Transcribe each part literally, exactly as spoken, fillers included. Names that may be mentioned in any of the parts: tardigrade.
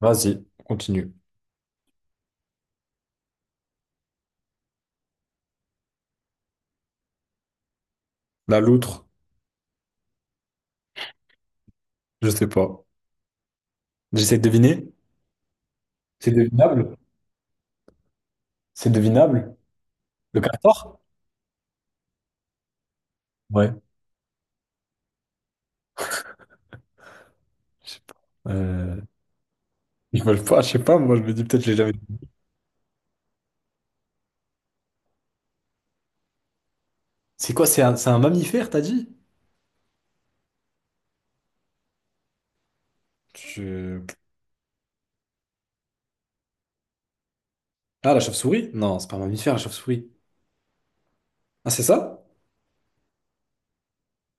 Vas-y, continue. La loutre, je sais pas. J'essaie de deviner. C'est devinable? C'est devinable? Le castor? Ouais. Je sais pas. Euh, je sais pas, je sais pas, moi je me dis peut-être que je l'ai jamais vu. C'est quoi? C'est un, c'est un mammifère, t'as dit? Je- Ah, la chauve-souris? Non, c'est pas un mammifère, la chauve-souris. Ah, c'est ça?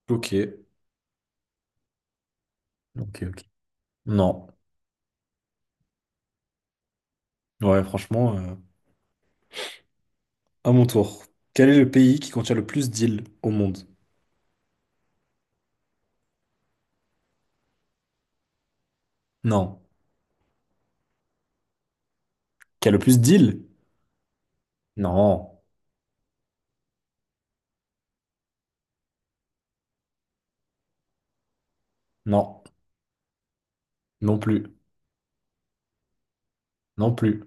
Ok. Ok, ok. Non. Ouais, franchement, euh, à mon tour. Quel est le pays qui contient le plus d'îles au monde? Non. Qui a le plus d'îles? Non. Non. Non plus. Non plus.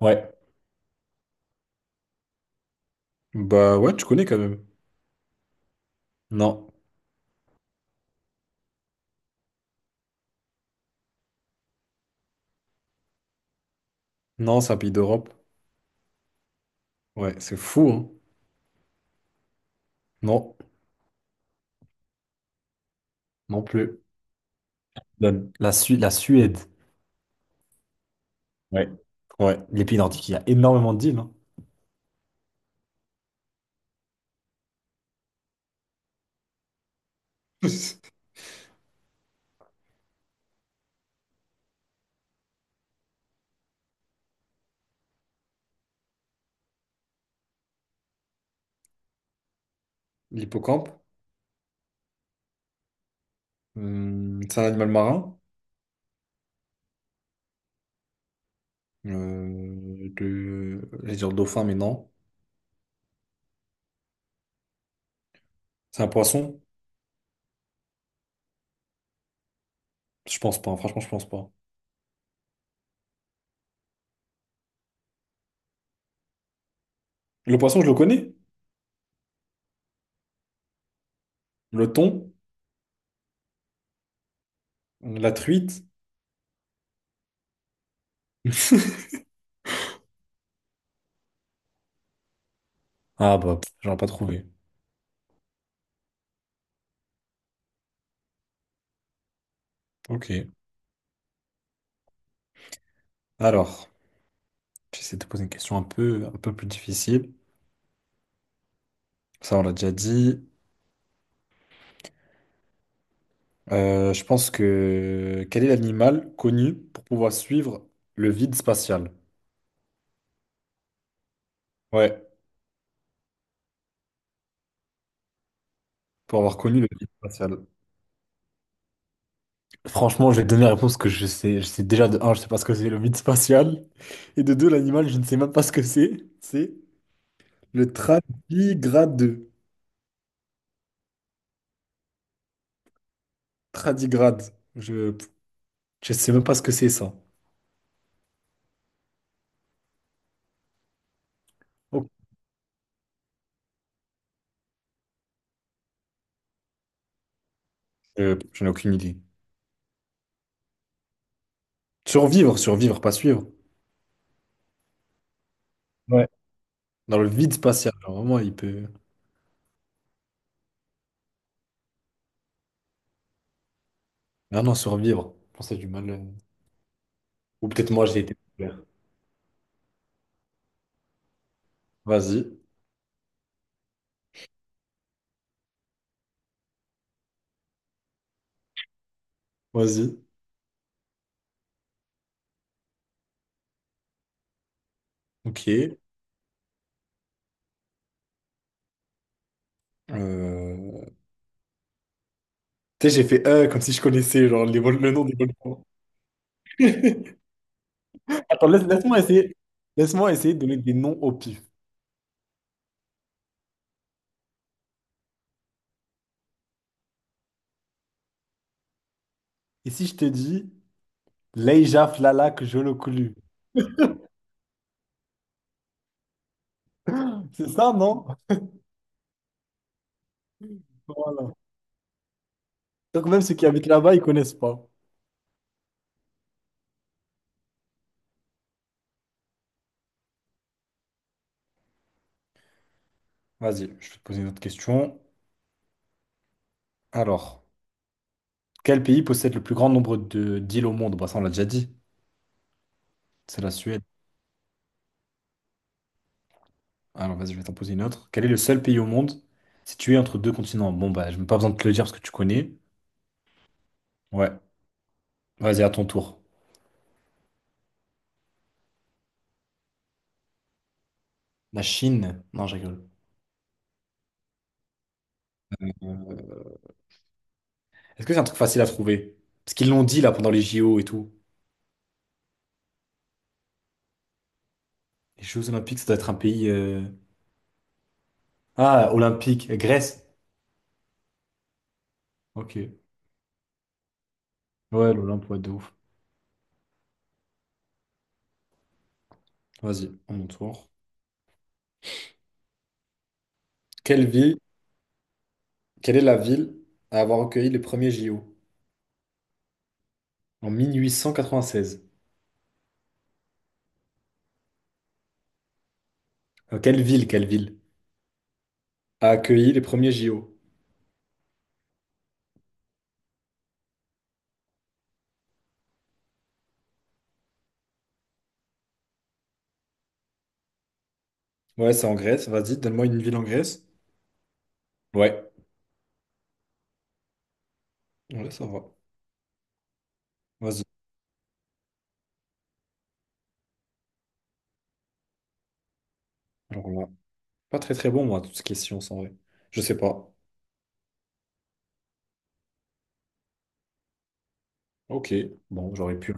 Ouais. Bah ouais, tu connais quand même. Non, non, c'est un pays d'Europe. Ouais, c'est fou, hein. Non, non plus. La, la Su- la Suède. Ouais. Ouais. Les pays nordiques, il y a énormément d'îles, hein. L'hippocampe, hum, c'est un animal marin. Euh, de... J'allais dire dauphin, mais non. C'est un poisson? Je pense pas, franchement, je pense pas. Le poisson, je le connais. Le thon, la truite. Ah bah, pff, j'aurais pas trouvé. Ok. Alors, j'essaie de te poser une question un peu, un peu plus difficile. Ça, on l'a déjà dit. Euh, je pense que quel est l'animal connu pour pouvoir suivre le vide spatial? Ouais, pour avoir connu le vide spatial. Franchement, je vais te donner la réponse que je sais. Je sais déjà de un, je sais pas ce que c'est le vide spatial. Et de deux, l'animal, je ne sais même pas ce que c'est. C'est le tradigrade. Tradigrade. Je je sais même pas ce que c'est ça. Ok. Euh, je n'ai aucune idée. Survivre, survivre, pas suivre. Ouais. Dans le vide spatial, genre, vraiment, il peut. Ah non, survivre. Je pense que c'est du mal. euh, Ou peut-être moi, j'ai été populaire. Vas-y, vas-y. Ok. Euh, Tu sais, j'ai fait euh, comme si je connaissais genre, les vol- le nom des volcans. Attends, laisse- laisse-moi essayer. Laisse-moi essayer de donner des noms au pif. Et si je te dis Leija Flalak Jolokulu, c'est ça, non? Voilà. Donc même ceux qui habitent là-bas, ils connaissent pas. Vas-y, je vais te poser une autre question. Alors, quel pays possède le plus grand nombre de d'îles au monde? Bah ça, on l'a déjà dit. C'est la Suède. Alors vas-y, je vais t'en poser une autre. Quel est le seul pays au monde situé entre deux continents? Bon, bah, je n'ai pas besoin de te le dire parce que tu connais. Ouais, vas-y, à ton tour. La Chine? Non, je rigole. Euh, Est-ce que c'est un truc facile à trouver? Parce qu'ils l'ont dit là pendant les J O et tout. Les Jeux Olympiques, ça doit être un pays. euh, Ah, olympique, Grèce. Ok. Ouais, l'Olympe, ouais, de ouf. Vas-y, à mon tour. Quelle ville, quelle est la ville à avoir accueilli les premiers J O? En mille huit cent quatre-vingt-seize. Euh, quelle ville, quelle ville a accueilli les premiers J O? Ouais, c'est en Grèce. Vas-y, donne-moi une ville en Grèce. Ouais. Ouais, ça va. Vas-y. Alors là, pas très très bon, moi, toutes ces questions en vrai. Je sais pas. Ok. Bon, j'aurais pu.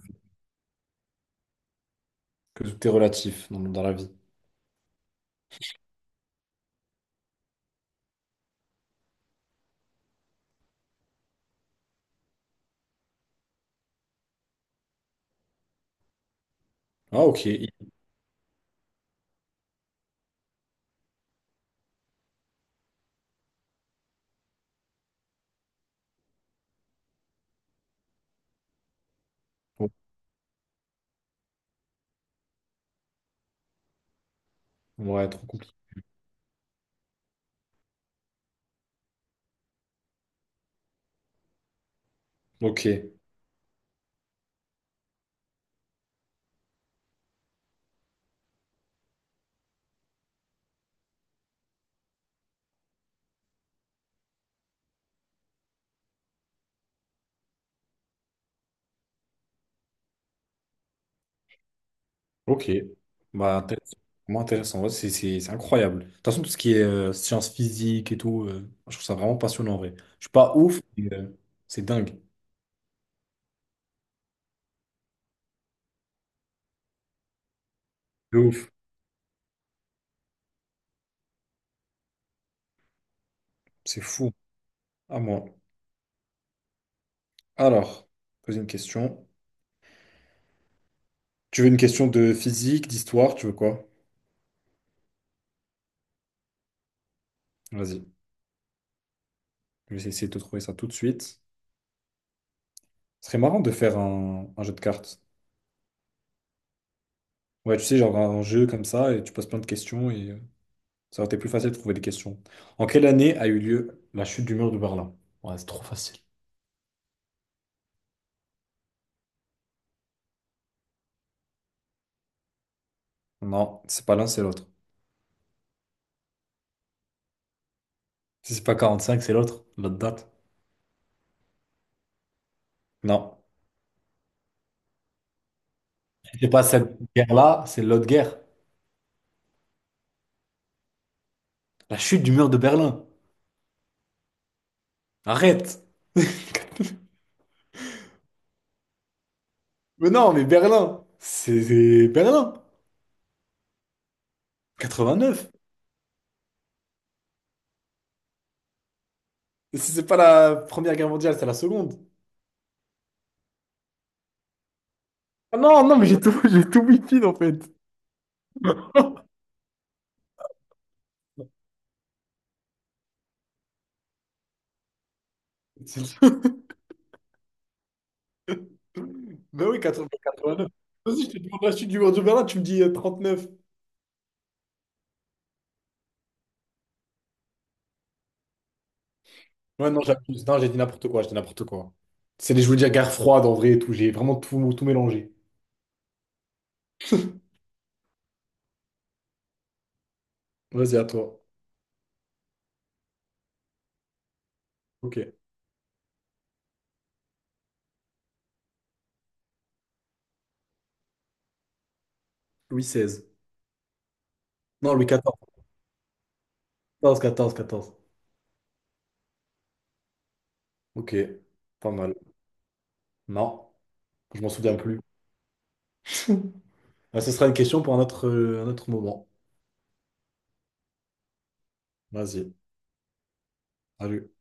Que tout est relatif dans, dans la vie. Ah, ok. Ouais, trop compliqué. Ok. Ok. Bah, intéressant. Vraiment intéressant. Ouais, c'est c'est- c'est incroyable. De toute façon, tout ce qui est euh, sciences physiques et tout, euh, je trouve ça vraiment passionnant, en vrai. Je suis pas ouf, mais euh, c'est dingue. De ouf. C'est fou. À moi. Alors, poser une question. Tu veux une question de physique, d'histoire, tu veux quoi? Vas-y, je vais essayer de te trouver ça tout de suite. Ce serait marrant de faire un, un jeu de cartes. Ouais, tu sais, genre un jeu comme ça, et tu poses plein de questions, et euh, ça aurait été plus facile de trouver des questions. En quelle année a eu lieu la chute du mur de Berlin? Ouais, c'est trop facile. Non, c'est pas l'un, c'est l'autre. Si c'est pas quarante-cinq, c'est l'autre, l'autre date. Non. Si c'est pas cette guerre-là, c'est l'autre guerre. La chute du mur de Berlin. Arrête! Mais non, mais Berlin! C'est c'est Berlin! Neuf. C'est c'est pas la Première Guerre mondiale, c'est la seconde. Ah non, non, mais j'ai tout, j'ai tout wi en fait. Mais oui, quatre-vingts, quatre-vingt-neuf. Vas-y, je te demande la chute du mur de Berlin, tu me dis euh, neuf. Ouais, non, j'abuse. Non, j'ai dit n'importe quoi, j'ai dit n'importe quoi. C'est les, je voulais dire guerre froide en vrai et tout. J'ai vraiment tout, tout mélangé. Vas-y, à toi. Ok. Louis seize. Non, Louis quatorze. Quatorze, quatorze, quatorze. Ok. Pas mal. Non, je m'en souviens plus. Ah, ce sera une question pour un autre, euh, un autre moment. Vas-y. Salut.